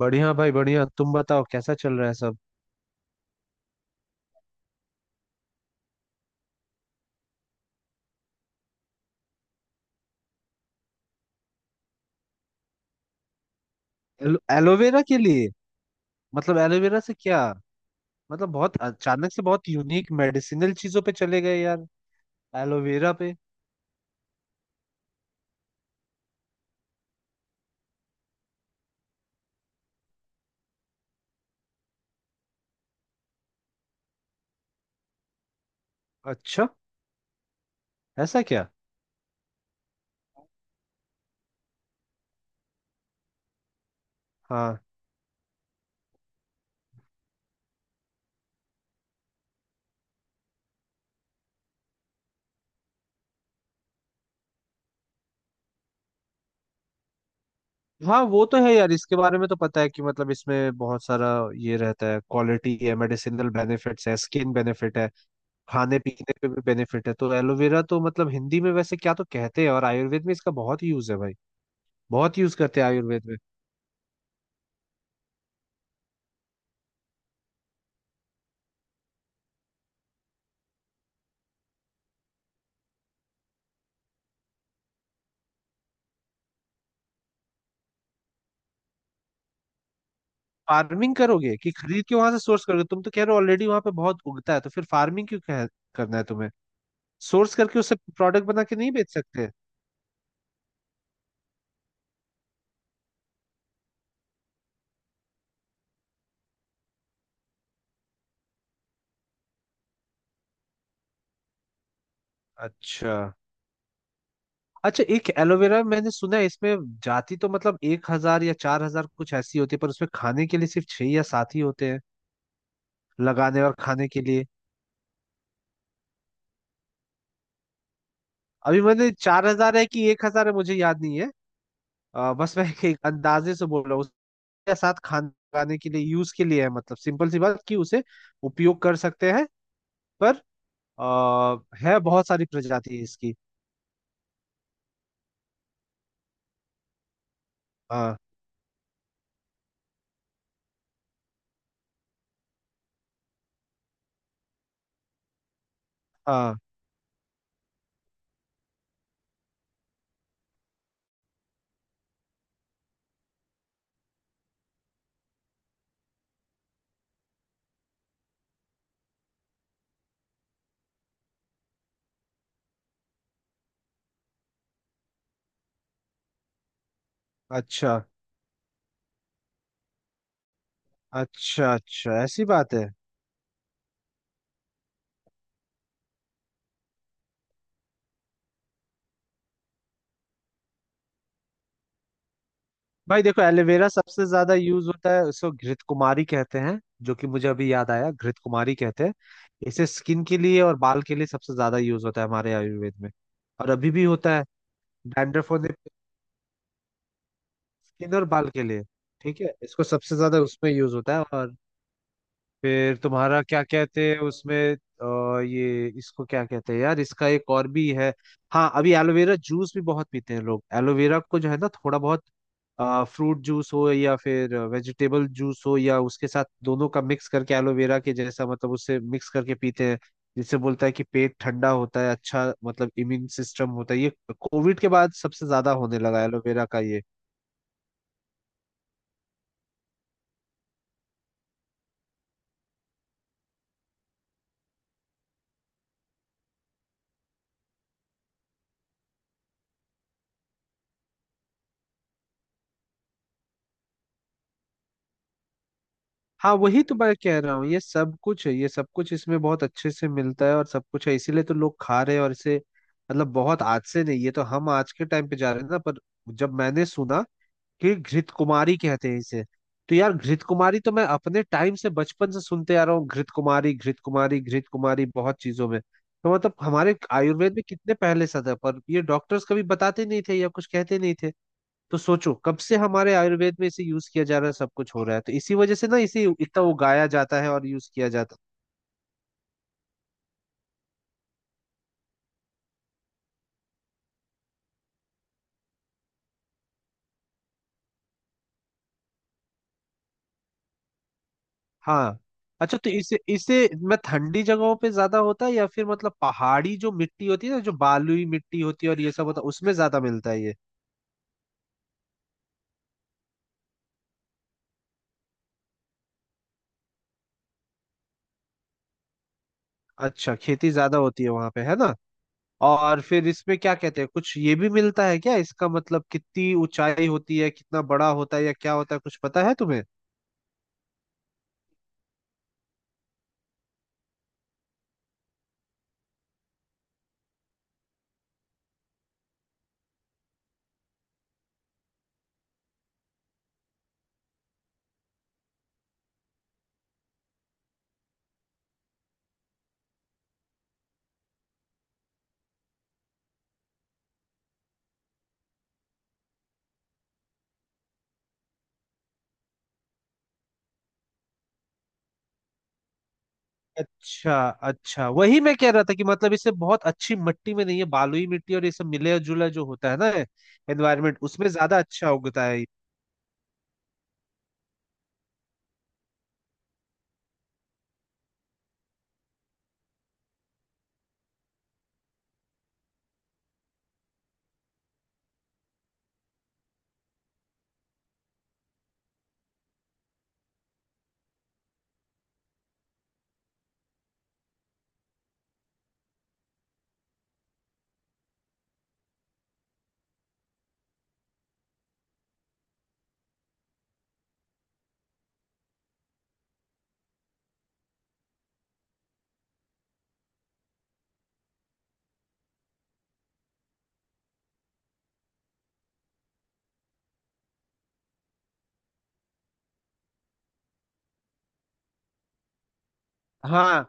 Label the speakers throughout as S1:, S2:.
S1: बढ़िया भाई, बढ़िया। तुम बताओ कैसा चल रहा है सब। एलोवेरा के लिए? मतलब एलोवेरा से क्या? मतलब बहुत अचानक से बहुत यूनिक मेडिसिनल चीजों पे चले गए यार। एलोवेरा पे? अच्छा, ऐसा क्या? हाँ, हाँ वो तो है यार, इसके बारे में तो पता है कि मतलब इसमें बहुत सारा ये रहता है। क्वालिटी है, मेडिसिनल बेनिफिट्स है, स्किन बेनिफिट है, खाने पीने पे भी बेनिफिट है। तो एलोवेरा तो मतलब हिंदी में वैसे क्या तो कहते हैं, और आयुर्वेद में इसका बहुत यूज है भाई। बहुत यूज करते हैं आयुर्वेद में। फार्मिंग करोगे कि खरीद के वहां से सोर्स करोगे? तुम तो कह रहे हो ऑलरेडी वहां पे बहुत उगता है, तो फिर फार्मिंग क्यों करना है तुम्हें? सोर्स करके उससे प्रोडक्ट बना के नहीं बेच सकते? अच्छा। अच्छा, एक एलोवेरा मैंने सुना है इसमें जाति तो मतलब 1,000 या 4,000 कुछ ऐसी होती है, पर उसमें खाने के लिए सिर्फ छह या सात ही होते हैं। लगाने और खाने के लिए। अभी मैंने 4,000 है कि 1,000 है, मुझे याद नहीं है। बस मैं एक अंदाजे से बोल रहा हूँ। उसके साथ खाने लगाने के लिए यूज के लिए है, मतलब सिंपल सी बात कि उसे उपयोग कर सकते हैं। पर आ, है बहुत सारी प्रजाति इसकी। हाँ। हाँ, अच्छा। अच्छा, अच्छा ऐसी बात है। भाई देखो, एलोवेरा सबसे ज्यादा यूज होता है, इसको घृत कुमारी कहते हैं। जो कि मुझे अभी याद आया, घृत कुमारी कहते हैं इसे। स्किन के लिए और बाल के लिए सबसे ज्यादा यूज होता है हमारे आयुर्वेद में, और अभी भी होता है। डैंड्रफ होने पे, स्किन और बाल के लिए। ठीक है, इसको सबसे ज्यादा उसमें यूज होता है। और फिर तुम्हारा क्या कहते हैं उसमें, ये इसको क्या कहते हैं यार, इसका एक और भी है। हाँ, अभी एलोवेरा जूस भी बहुत पीते हैं लोग। एलोवेरा को जो है ना, थोड़ा बहुत फ्रूट जूस हो या फिर वेजिटेबल जूस हो या उसके साथ दोनों का मिक्स करके एलोवेरा के जैसा मतलब उससे मिक्स करके पीते हैं। जिससे बोलता है कि पेट ठंडा होता है, अच्छा मतलब इम्यून सिस्टम होता है ये। कोविड के बाद सबसे ज्यादा होने लगा एलोवेरा का ये। हाँ, वही तो मैं कह रहा हूँ। ये सब कुछ है, ये सब कुछ इसमें बहुत अच्छे से मिलता है और सब कुछ है, इसीलिए तो लोग खा रहे हैं। और इसे मतलब बहुत आज से नहीं, ये तो हम आज के टाइम पे जा रहे हैं ना, पर जब मैंने सुना कि घृत कुमारी कहते हैं इसे, तो यार घृत कुमारी तो मैं अपने टाइम से बचपन से सुनते आ रहा हूँ। घृत कुमारी, घृत कुमारी, घृत कुमारी बहुत चीजों में। तो मतलब हमारे आयुर्वेद में कितने पहले से था, पर ये डॉक्टर्स कभी बताते नहीं थे या कुछ कहते नहीं थे। तो सोचो कब से हमारे आयुर्वेद में इसे यूज किया जा रहा है, सब कुछ हो रहा है। तो इसी वजह से ना इसे इतना उगाया जाता है और यूज किया जाता है। हाँ। अच्छा, तो इसे इसे मैं ठंडी जगहों पे ज्यादा होता है या फिर मतलब पहाड़ी जो मिट्टी होती है ना, जो बालुई मिट्टी होती है और ये सब होता है, उसमें ज्यादा मिलता है ये? अच्छा, खेती ज्यादा होती है वहां पे, है ना? और फिर इसमें क्या कहते हैं, कुछ ये भी मिलता है क्या इसका? मतलब कितनी ऊंचाई होती है, कितना बड़ा होता है या क्या होता है, कुछ पता है तुम्हें? अच्छा, अच्छा, वही मैं कह रहा था कि मतलब इसे बहुत अच्छी मिट्टी में नहीं है, बालुई मिट्टी और ये सब मिले जुला जो होता है ना, एनवायरमेंट उसमें ज्यादा अच्छा उगता है। हाँ,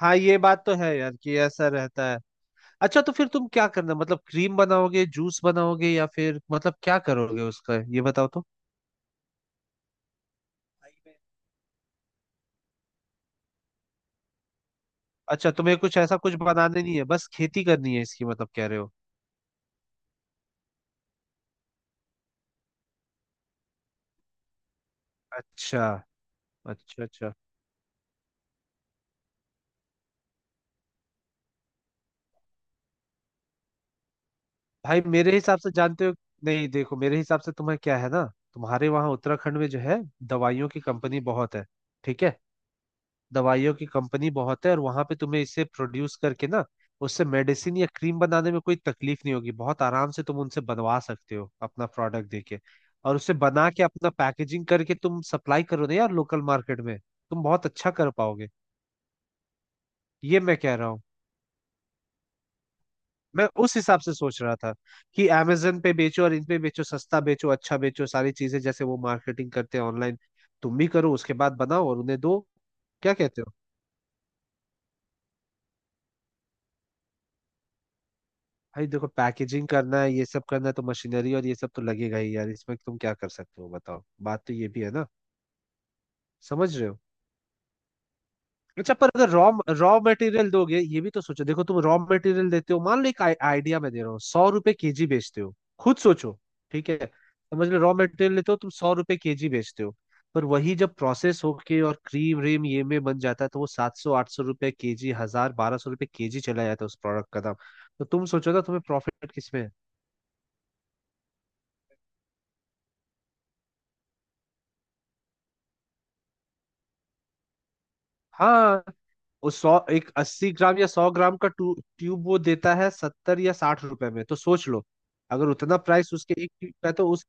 S1: हाँ, ये बात तो है यार, कि ऐसा रहता है। अच्छा, तो फिर तुम क्या करना, मतलब क्रीम बनाओगे, जूस बनाओगे, या फिर मतलब क्या करोगे उसका, ये बताओ तो। अच्छा, तुम्हें कुछ ऐसा कुछ बनाने नहीं है, बस खेती करनी है इसकी, मतलब कह रहे हो? अच्छा। अच्छा, अच्छा। भाई मेरे हिसाब से, जानते हो, नहीं देखो, मेरे हिसाब से तुम्हें क्या है ना, तुम्हारे वहां उत्तराखंड में जो है, दवाइयों की कंपनी बहुत है। ठीक है, दवाइयों की कंपनी बहुत है, और वहां पे तुम्हें इसे प्रोड्यूस करके ना उससे मेडिसिन या क्रीम बनाने में कोई तकलीफ नहीं होगी। बहुत आराम से तुम उनसे बनवा सकते हो अपना प्रोडक्ट देके, और उसे बना के अपना पैकेजिंग करके तुम सप्लाई करो ना यार लोकल मार्केट में, तुम बहुत अच्छा कर पाओगे। ये मैं कह रहा हूँ। मैं उस हिसाब से सोच रहा था कि amazon पे बेचो और इन पे बेचो, सस्ता बेचो, अच्छा बेचो, सारी चीजें जैसे वो मार्केटिंग करते हैं ऑनलाइन, तुम भी करो, उसके बाद बनाओ और उन्हें दो। क्या कहते हो? भाई देखो, पैकेजिंग करना है, ये सब करना है, तो मशीनरी और ये सब तो लगेगा ही यार इसमें, तुम क्या कर सकते हो बताओ? बात तो ये भी है ना, समझ रहे हो? अच्छा पर अगर रॉ रॉ मटेरियल दोगे, ये भी तो सोचो। देखो, तुम रॉ मटेरियल देते हो, मान लो, एक आइडिया मैं दे रहा हूँ, 100 रुपए/किलो बेचते हो, खुद सोचो। ठीक है, समझ लो रॉ मटेरियल लेते हो, तुम 100 रुपए/किलो बेचते हो। पर वही जब प्रोसेस होके और क्रीम व्रीम ये में बन जाता है, तो वो 700–800 रुपए/किलो, 1,000–1,200 रुपए/किलो चला जाता है उस प्रोडक्ट का दाम। तो तुम सोचो ना, तुम्हें प्रॉफिट किसमें है? हाँ, वो सौ एक 80 ग्राम या 100 ग्राम का ट्यूब वो देता है 70 या 60 रुपए में, तो सोच लो। अगर उतना प्राइस उसके एक ट्यूब का है तो उस,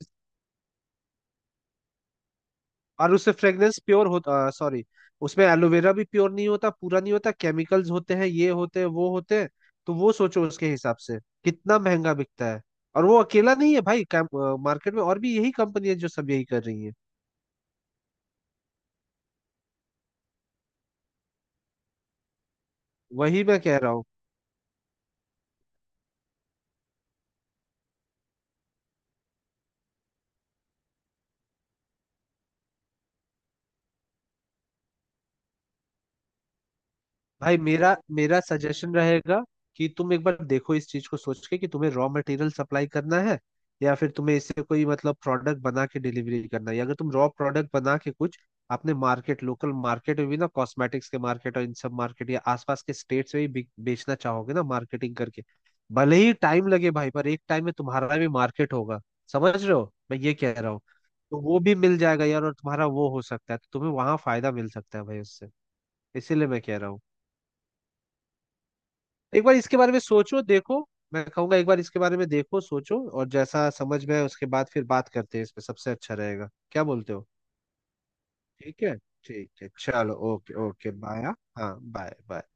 S1: और उससे फ्रेग्रेंस प्योर होता, सॉरी, उसमें एलोवेरा भी प्योर नहीं होता, पूरा नहीं होता, केमिकल्स होते हैं, ये होते हैं, वो होते हैं। तो वो सोचो उसके हिसाब से कितना महंगा बिकता है। और वो अकेला नहीं है भाई, मार्केट में और भी यही कंपनी है जो सब यही कर रही है। वही मैं कह रहा हूँ। भाई मेरा मेरा सजेशन रहेगा कि तुम एक बार देखो इस चीज को सोच के, कि तुम्हें रॉ मटेरियल सप्लाई करना है, या फिर तुम्हें इससे कोई मतलब प्रोडक्ट बना के डिलीवरी करना है, या अगर तुम रॉ प्रोडक्ट बना के कुछ अपने मार्केट, लोकल मार्केट में भी ना, कॉस्मेटिक्स के मार्केट और इन सब मार्केट या आसपास के स्टेट्स में भी बेचना चाहोगे ना मार्केटिंग करके। भले ही टाइम लगे भाई, पर एक टाइम में तुम्हारा भी मार्केट होगा। समझ रहे हो मैं ये कह रहा हूँ? तो वो भी मिल जाएगा यार, और तुम्हारा वो हो सकता है, तो तुम्हें वहां फायदा मिल सकता है भाई उससे। इसीलिए मैं कह रहा हूँ एक बार इसके बारे में सोचो देखो। मैं कहूंगा एक बार इसके बारे में देखो, सोचो, और जैसा समझ में आए उसके बाद फिर बात करते हैं इस पे, सबसे अच्छा रहेगा। क्या बोलते हो? ठीक है। ठीक है, चलो, ओके, ओके, बाय। हाँ, बाय बाय।